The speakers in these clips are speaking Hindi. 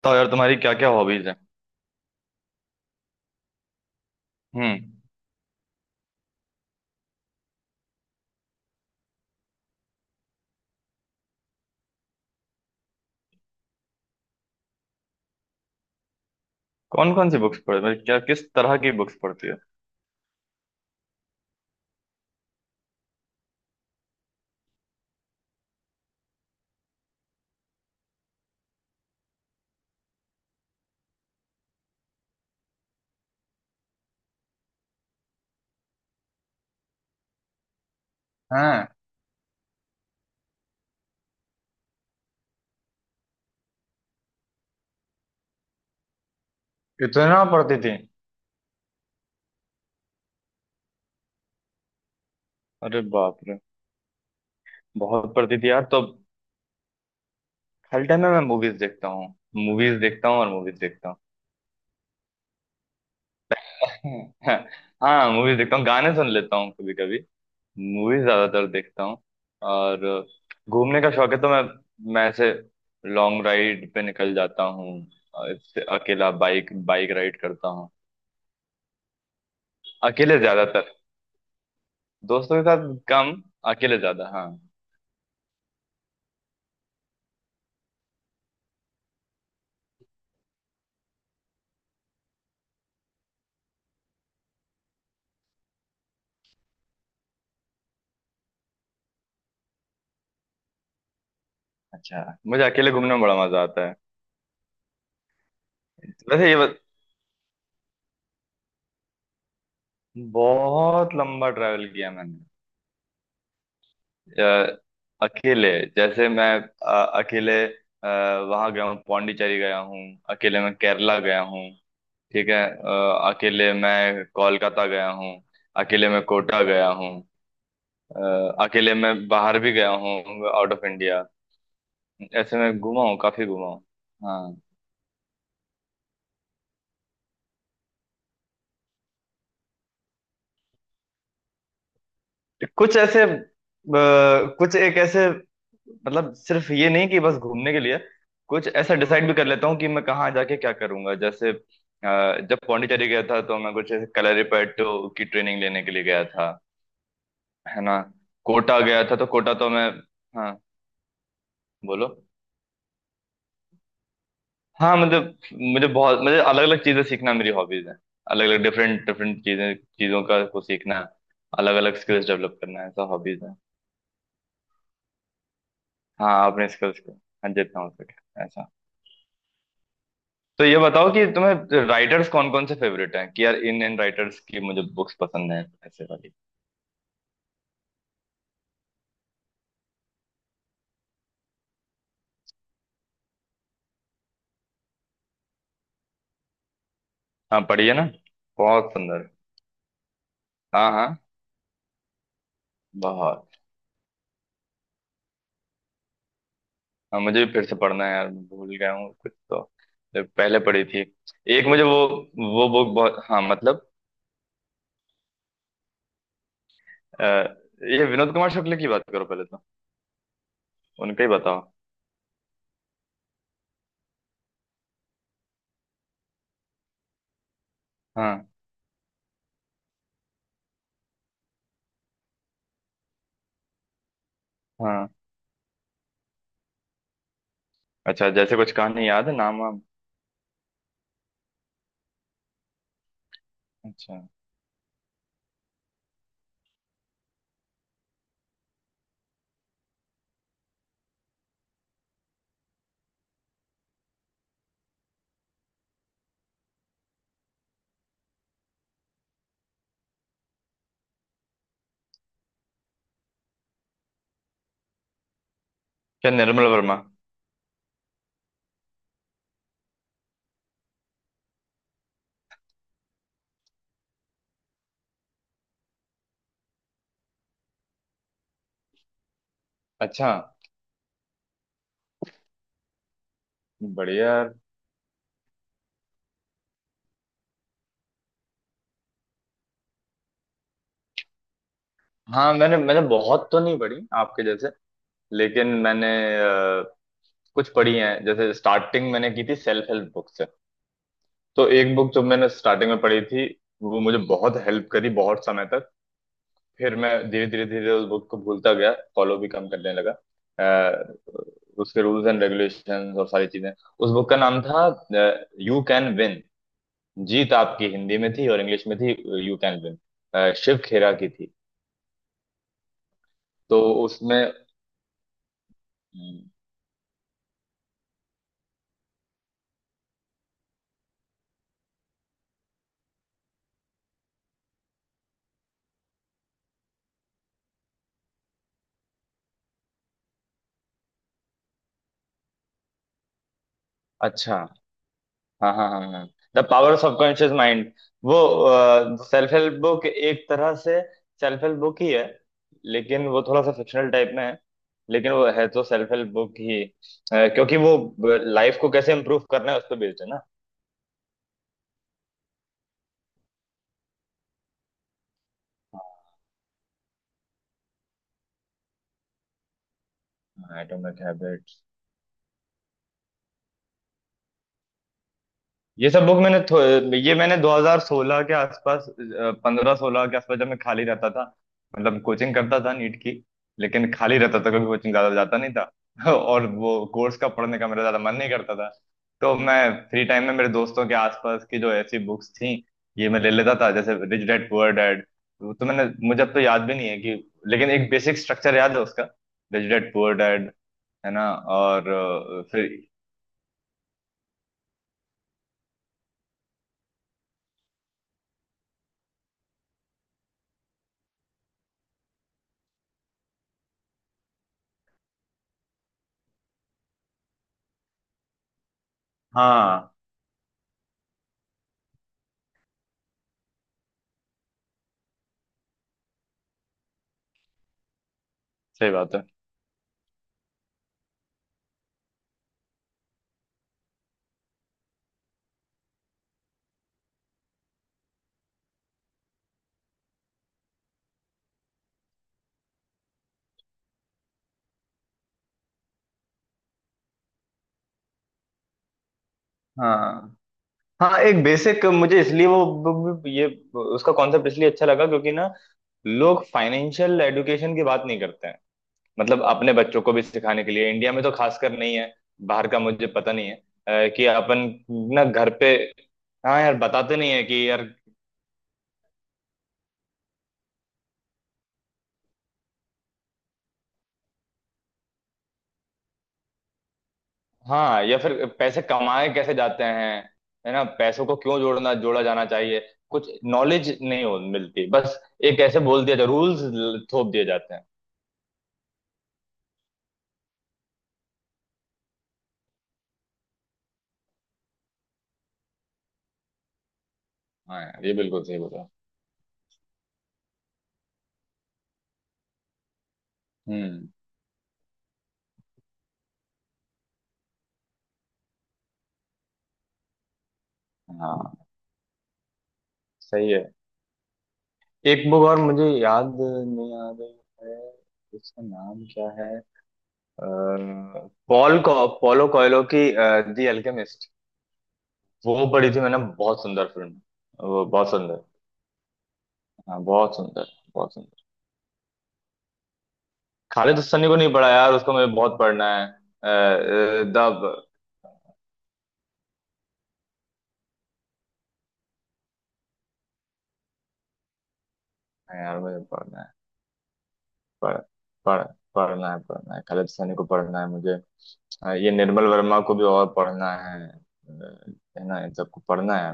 बताओ यार, तुम्हारी क्या क्या हॉबीज है। हम्म। कौन कौन सी बुक्स पढ़ मतलब क्या, किस तरह की बुक्स पढ़ती हो? हाँ। इतना पढ़ती थी? अरे बाप रे। बहुत पढ़ती थी यार, तो अब खाली टाइम में मैं मूवीज देखता हूँ। मूवीज देखता हूँ और मूवीज देखता हूँ। हाँ, मूवीज देखता हूँ, गाने सुन लेता हूँ कभी कभी। मूवीज ज्यादातर देखता हूँ। और घूमने का शौक है, तो मैं ऐसे लॉन्ग राइड पे निकल जाता हूँ। और इससे अकेला बाइक बाइक राइड करता हूँ। अकेले ज्यादातर। दोस्तों के साथ कम। अकेले ज्यादा, हाँ। अच्छा, मुझे अकेले घूमने में बड़ा मजा आता है। वैसे ये बत- बहुत लंबा ट्रैवल किया मैंने। अ, अकेले। जैसे मैं अकेले वहां गया हूँ, पौंडीचेरी गया हूँ। अकेले मैं केरला गया हूँ। ठीक है, अकेले मैं कोलकाता गया हूँ। अकेले मैं कोटा गया हूँ। अकेले मैं बाहर भी गया हूँ। Out of India. ऐसे मैं घूमा हूँ, काफी घूमा हूँ। हाँ। कुछ एक ऐसे, मतलब सिर्फ ये नहीं कि बस घूमने के लिए। कुछ ऐसा डिसाइड भी कर लेता हूँ कि मैं कहाँ जाके क्या करूंगा। जैसे जब पौंडीचेरी गया था, तो मैं कुछ कलरीपयट्टू की ट्रेनिंग लेने के लिए गया था। है ना। कोटा गया था तो कोटा तो मैं। हाँ। बोलो। हाँ मतलब मुझे अलग अलग चीजें सीखना मेरी हॉबीज है। अलग अलग डिफरेंट डिफरेंट चीजें चीजों का को सीखना। अलग अलग स्किल्स डेवलप करना, ऐसा हॉबीज है। हाँ, अपने स्किल्स को। हाँ, जितना हो सके, ऐसा। तो ये बताओ कि तुम्हें राइटर्स कौन कौन से फेवरेट हैं कि यार इन इन राइटर्स की मुझे बुक्स पसंद हैं, ऐसे वाली। हाँ, पढ़िए ना। बहुत सुंदर। हाँ हाँ। बहुत। हाँ, मुझे भी फिर से पढ़ना है यार, मैं भूल गया हूँ कुछ तो, जो पहले पढ़ी थी। एक मुझे वो बुक बहुत, हाँ मतलब। अ, ये विनोद कुमार शुक्ल की बात करो पहले तो, उनका ही बताओ। हाँ हाँ। अच्छा, जैसे कुछ कहानी याद है, नाम वाम? अच्छा। क्या निर्मल वर्मा? अच्छा। बढ़िया यार। हाँ, मैंने मैंने बहुत तो नहीं पढ़ी आपके जैसे, लेकिन मैंने अ, कुछ पढ़ी हैं। जैसे स्टार्टिंग मैंने की थी सेल्फ हेल्प बुक से। तो एक बुक जो मैंने स्टार्टिंग में पढ़ी थी, वो मुझे बहुत हेल्प करी, बहुत समय तक। फिर मैं धीरे धीरे धीरे उस बुक को भूलता गया, फॉलो भी कम करने लगा अ, उसके रूल्स एंड रेगुलेशंस और सारी चीजें। उस बुक का नाम था यू कैन विन। जीत आपकी हिंदी में थी और इंग्लिश में थी। You can win, Shiv Khera की थी। तो उसमें। अच्छा। हाँ हाँ हाँ हाँ। The power of subconscious mind. वो सेल्फ हेल्प बुक एक तरह से सेल्फ हेल्प बुक ही है। लेकिन वो थोड़ा सा फिक्शनल टाइप में है। लेकिन वो है तो सेल्फ हेल्प बुक ही। क्योंकि वो लाइफ को कैसे इम्प्रूव करना है, उस पर बेस्ड है ना। Atomic habit. ये सब बुक मैंने थो- ये मैंने 2016 के आसपास, 15-16 के आसपास, जब मैं खाली रहता था। मतलब कोचिंग करता था नीट की, लेकिन खाली रहता था क्योंकि कोचिंग ज्यादा जाता नहीं था। और वो कोर्स का पढ़ने का मेरा ज्यादा मन नहीं करता था। तो मैं फ्री टाइम में मेरे दोस्तों के आसपास की जो ऐसी बुक्स थी, ये मैं ले लेता था, जैसे रिच डैड पुअर डैड। तो मैंने मुझे अब तो याद भी नहीं है कि, लेकिन एक बेसिक स्ट्रक्चर याद है उसका, रिच डैड पुअर डैड। है ना। और फिर। हाँ, सही बात है। हाँ हाँ। हाँ, एक बेसिक मुझे इसलिए वो, ये उसका कॉन्सेप्ट इसलिए अच्छा लगा क्योंकि ना, लोग फाइनेंशियल एडुकेशन की बात नहीं करते हैं। मतलब अपने बच्चों को भी सिखाने के लिए, इंडिया में तो खासकर नहीं है। बाहर का मुझे पता नहीं है कि अपन, ना घर पे। हाँ यार, बताते नहीं है कि यार। हाँ, या फिर पैसे कमाए कैसे जाते हैं, है ना, पैसों को क्यों जोड़ना जोड़ा जाना चाहिए, कुछ नॉलेज नहीं हो मिलती। बस एक ऐसे बोल दिया जाता, रूल्स थोप दिए जाते हैं। हाँ यार, ये बिल्कुल सही बोला। हम्म। हाँ। सही है। एक बुक और मुझे याद नहीं आ रही है। इसका नाम क्या है? पॉलो कोयलो की, दी अल्केमिस्ट। वो पढ़ी थी मैंने, बहुत सुंदर फिल्म। वो बहुत सुंदर। हाँ, बहुत सुंदर। बहुत सुंदर। खालिद हसनी को नहीं पढ़ा यार, उसको मुझे बहुत पढ़ना है। द हाँ यार, मुझे पढ़ना है। पढ़ पढ़ पढ़ना है, पढ़ना है, खालिद हसनी को पढ़ना है मुझे। ये निर्मल वर्मा को भी और पढ़ना है है ना, इन सबको पढ़ना है।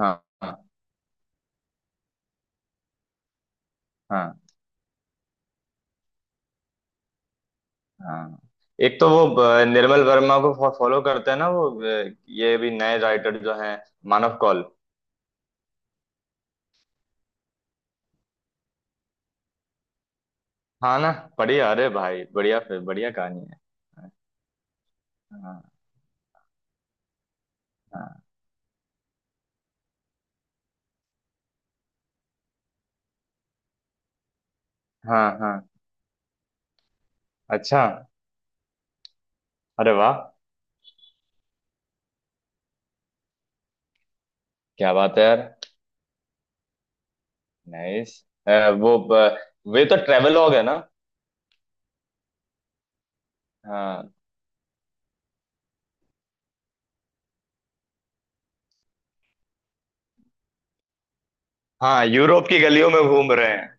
हाँ हाँ हाँ। हाँ, एक तो वो निर्मल वर्मा को फॉलो करते हैं ना, वो ये भी नए राइटर जो हैं, मानव कौल। हाँ ना। बढ़िया, अरे भाई बढ़िया, फिर बढ़िया कहानी है। हाँ हाँ हाँ हाँ। अच्छा। अरे वाह। क्या बात है यार। नाइस। वो ब- वे तो ट्रेवलॉग है ना। हाँ। हाँ, यूरोप की गलियों में घूम रहे हैं।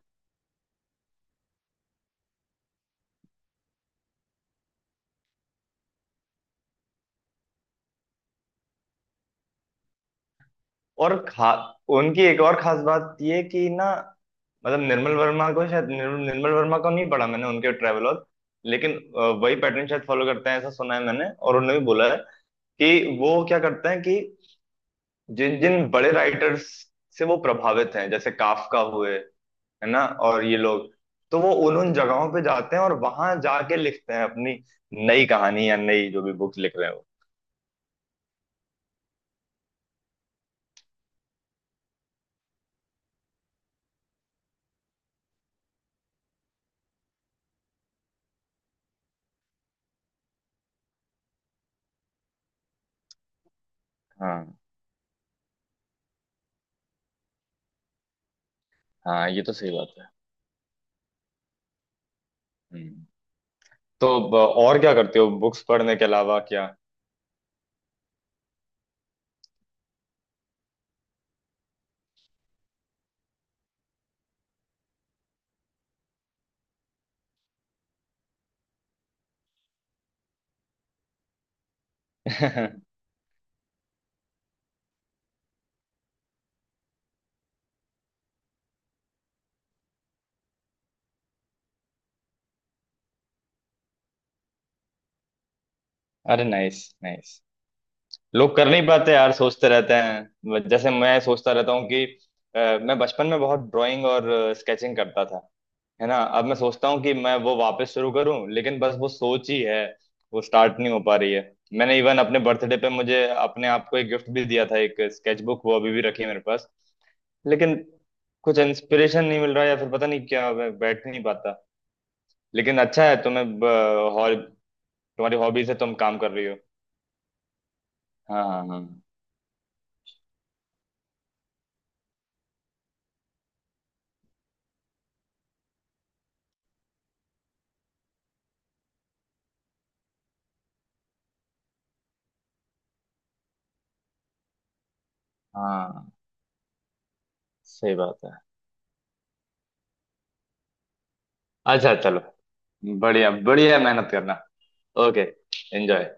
और खा उनकी एक और खास बात ये कि ना, मतलब निर्मल निर्मल वर्मा को नहीं पढ़ा मैंने, उनके ट्रेवलॉग। लेकिन वही पैटर्न शायद फॉलो करते हैं, ऐसा सुना है मैंने, और उन्होंने भी बोला है कि वो क्या करते हैं कि जिन जिन बड़े राइटर्स से वो प्रभावित हैं, जैसे काफका हुए, है ना, और ये लोग, तो वो उन उन जगहों पे जाते हैं और वहां जाके लिखते हैं अपनी नई कहानी या नई जो भी बुक लिख रहे हो। हाँ हाँ, ये तो सही बात है। हम्म। तो ब- और क्या करते हो बुक्स पढ़ने के अलावा क्या? अरे नाइस नाइस। लोग कर नहीं पाते यार, सोचते रहते हैं, जैसे मैं सोचता रहता हूँ कि मैं बचपन में बहुत ड्राइंग और स्केचिंग करता था। है ना। अब मैं सोचता हूँ कि मैं वो वापस शुरू करूँ, लेकिन बस वो सोच ही है। वो स्टार्ट नहीं हो पा रही है। मैंने इवन अपने बर्थडे पे मुझे अपने आप को एक गिफ्ट भी दिया था, एक स्केचबुक, वो अभी भी रखी है मेरे पास। लेकिन कुछ इंस्पिरेशन नहीं मिल रहा या फिर पता नहीं क्या, मैं बैठ नहीं पाता। लेकिन अच्छा है, तुम्हें हॉल तुम्हारी हॉबी से तुम काम कर रही हो। हाँ हाँ हाँ। हाँ, सही बात है। अच्छा चलो। बढ़िया बढ़िया, मेहनत करना। ओके। एंजॉय।